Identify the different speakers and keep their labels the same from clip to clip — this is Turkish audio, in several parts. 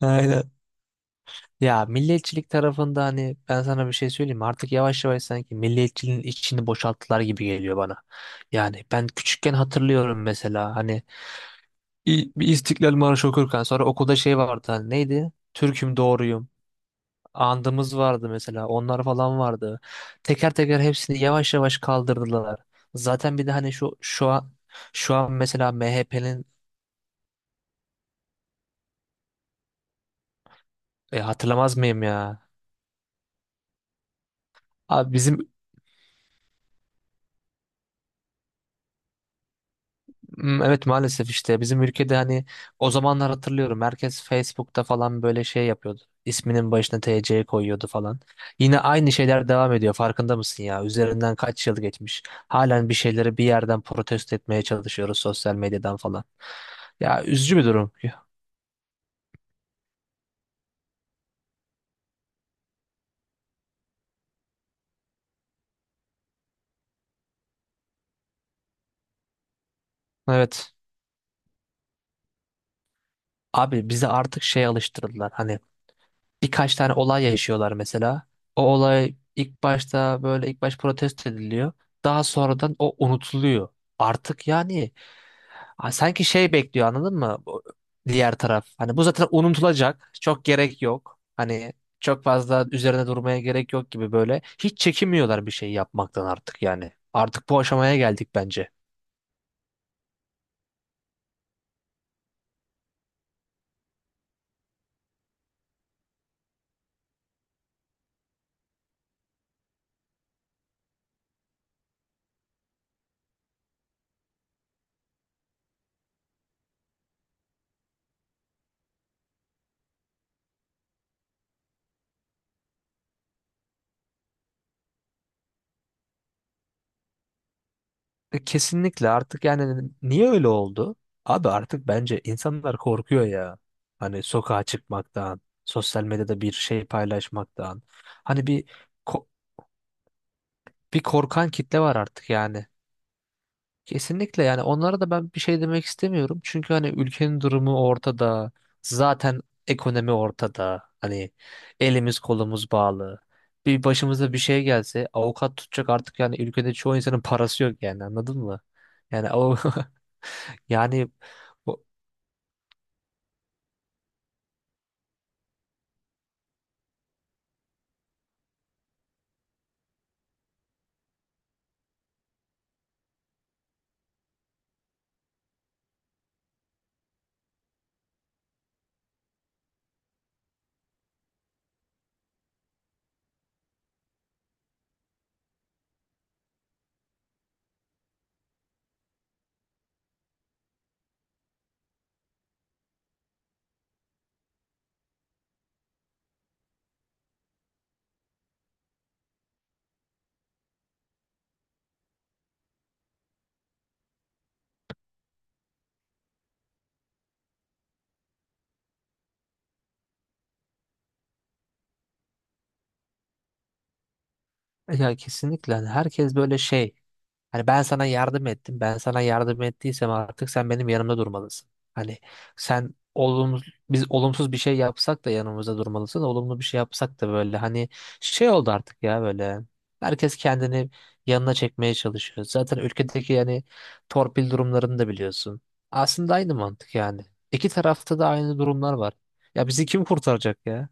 Speaker 1: Aynen. Ya milliyetçilik tarafında hani ben sana bir şey söyleyeyim mi? Artık yavaş yavaş sanki milliyetçiliğin içini boşalttılar gibi geliyor bana. Yani ben küçükken hatırlıyorum mesela hani bir İstiklal Marşı okurken sonra okulda şey vardı hani neydi? Türk'üm doğruyum. Andımız vardı mesela, onlar falan vardı. Teker teker hepsini yavaş yavaş kaldırdılar. Zaten bir de hani şu an şu an mesela MHP'nin. Hatırlamaz mıyım ya? Abi bizim. Hmm, evet, maalesef işte bizim ülkede hani o zamanlar hatırlıyorum herkes Facebook'ta falan böyle şey yapıyordu. İsminin başına TC koyuyordu falan. Yine aynı şeyler devam ediyor, farkında mısın ya? Üzerinden kaç yıl geçmiş. Halen bir şeyleri bir yerden protesto etmeye çalışıyoruz sosyal medyadan falan. Ya, üzücü bir durum. Evet. Abi bize artık şey alıştırdılar. Hani birkaç tane olay yaşıyorlar mesela. O olay ilk başta böyle ilk baş protesto ediliyor. Daha sonradan o unutuluyor. Artık yani, ha, sanki şey bekliyor, anladın mı? Diğer taraf. Hani bu zaten unutulacak. Çok gerek yok. Hani çok fazla üzerine durmaya gerek yok gibi böyle. Hiç çekinmiyorlar bir şey yapmaktan artık yani. Artık bu aşamaya geldik bence. Kesinlikle, artık yani niye öyle oldu? Abi artık bence insanlar korkuyor ya. Hani sokağa çıkmaktan, sosyal medyada bir şey paylaşmaktan. Hani bir ko- bir korkan kitle var artık yani. Kesinlikle yani, onlara da ben bir şey demek istemiyorum. Çünkü hani ülkenin durumu ortada. Zaten ekonomi ortada. Hani elimiz kolumuz bağlı. Bir başımıza bir şey gelse avukat tutacak, artık yani ülkede çoğu insanın parası yok yani, anladın mı? Yani o yani bu- ya kesinlikle, hani herkes böyle şey. Hani ben sana yardım ettim. Ben sana yardım ettiysem artık sen benim yanımda durmalısın. Hani sen olumsuz biz olumsuz bir şey yapsak da yanımızda durmalısın. Olumlu bir şey yapsak da böyle hani şey oldu artık ya böyle. Herkes kendini yanına çekmeye çalışıyor. Zaten ülkedeki yani torpil durumlarını da biliyorsun. Aslında aynı mantık yani. İki tarafta da aynı durumlar var. Ya bizi kim kurtaracak ya?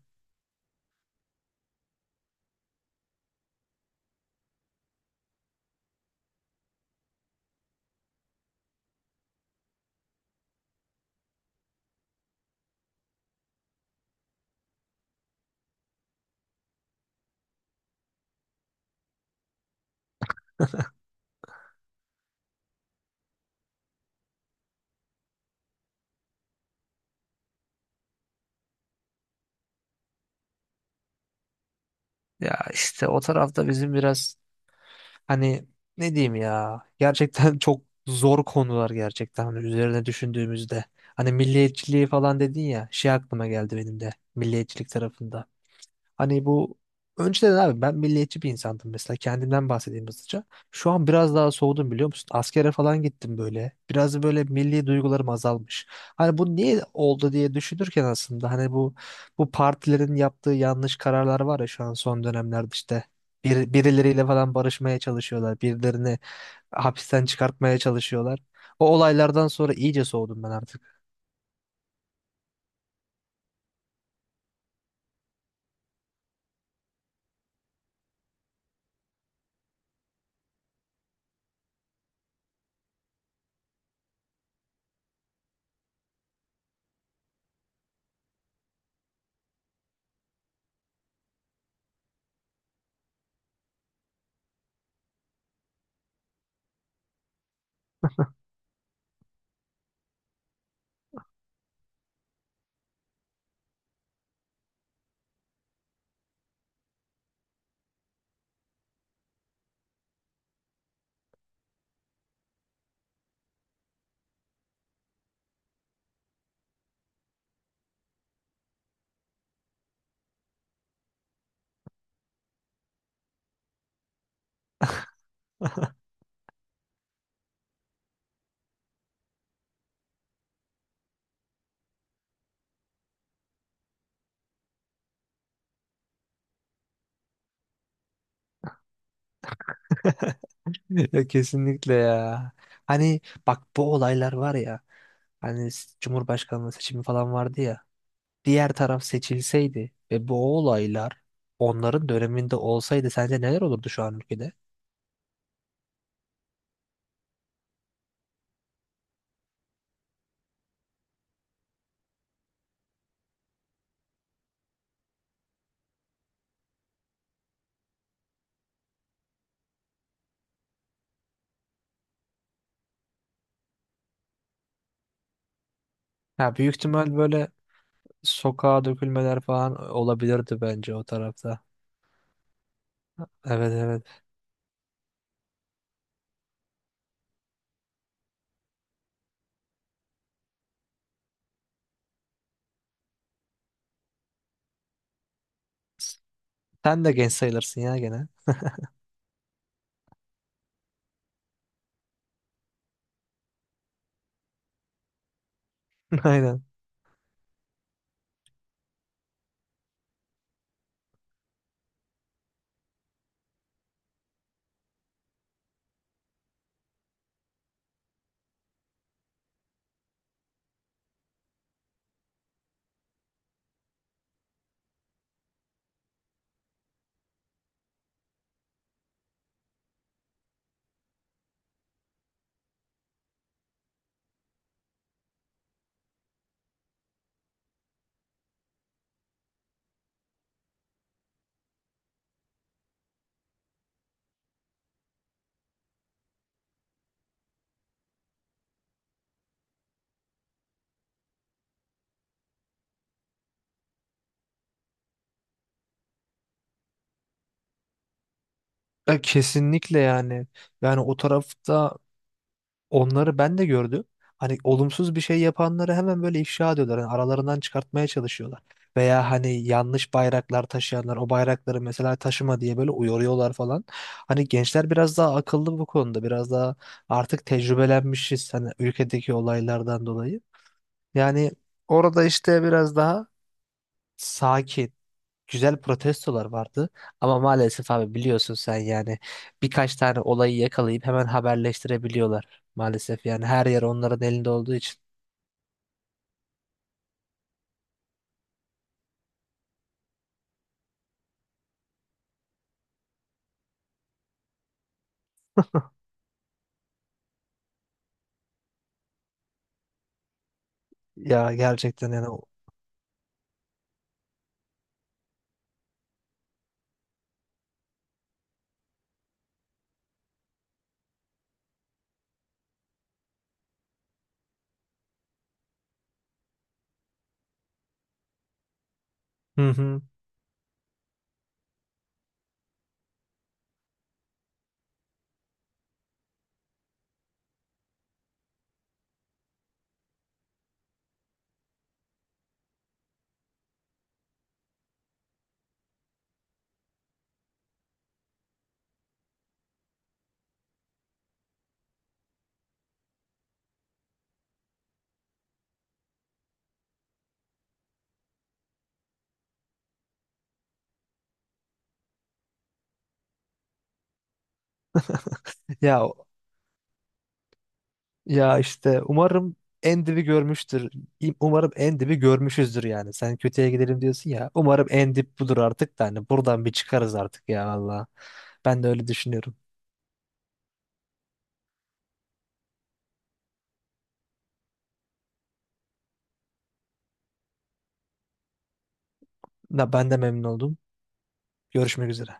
Speaker 1: Ya işte o tarafta bizim biraz hani ne diyeyim ya gerçekten çok zor konular gerçekten hani üzerine düşündüğümüzde. Hani milliyetçiliği falan dedin ya, şey aklıma geldi benim de, milliyetçilik tarafında. Hani bu önceden abi ben milliyetçi bir insandım, mesela kendimden bahsedeyim hızlıca. Şu an biraz daha soğudum, biliyor musun? Askere falan gittim böyle. Biraz da böyle milli duygularım azalmış. Hani bu niye oldu diye düşünürken aslında hani bu partilerin yaptığı yanlış kararlar var ya, şu an son dönemlerde işte birileriyle falan barışmaya çalışıyorlar. Birilerini hapisten çıkartmaya çalışıyorlar. O olaylardan sonra iyice soğudum ben artık. Ya kesinlikle ya. Hani bak bu olaylar var ya. Hani Cumhurbaşkanlığı seçimi falan vardı ya. Diğer taraf seçilseydi ve bu olaylar onların döneminde olsaydı sence neler olurdu şu an ülkede? Ya büyük ihtimal böyle sokağa dökülmeler falan olabilirdi bence o tarafta. Evet, evet. Sen de genç sayılırsın ya gene. Aynen. Ya kesinlikle yani. Yani o tarafta, onları ben de gördüm. Hani olumsuz bir şey yapanları hemen böyle ifşa ediyorlar. Hani aralarından çıkartmaya çalışıyorlar. Veya hani yanlış bayraklar taşıyanlar, o bayrakları mesela taşıma diye böyle uyarıyorlar falan. Hani gençler biraz daha akıllı bu konuda. Biraz daha artık tecrübelenmişiz hani ülkedeki olaylardan dolayı. Yani orada işte biraz daha sakin, güzel protestolar vardı. Ama maalesef abi biliyorsun sen yani, birkaç tane olayı yakalayıp hemen haberleştirebiliyorlar. Maalesef yani her yer onların elinde olduğu için. Ya gerçekten yani hı hı. Ya ya işte umarım en dibi görmüştür. Umarım en dibi görmüşüzdür yani. Sen kötüye gidelim diyorsun ya. Umarım en dip budur artık da hani buradan bir çıkarız artık ya valla. Ben de öyle düşünüyorum. Da ben de memnun oldum. Görüşmek üzere.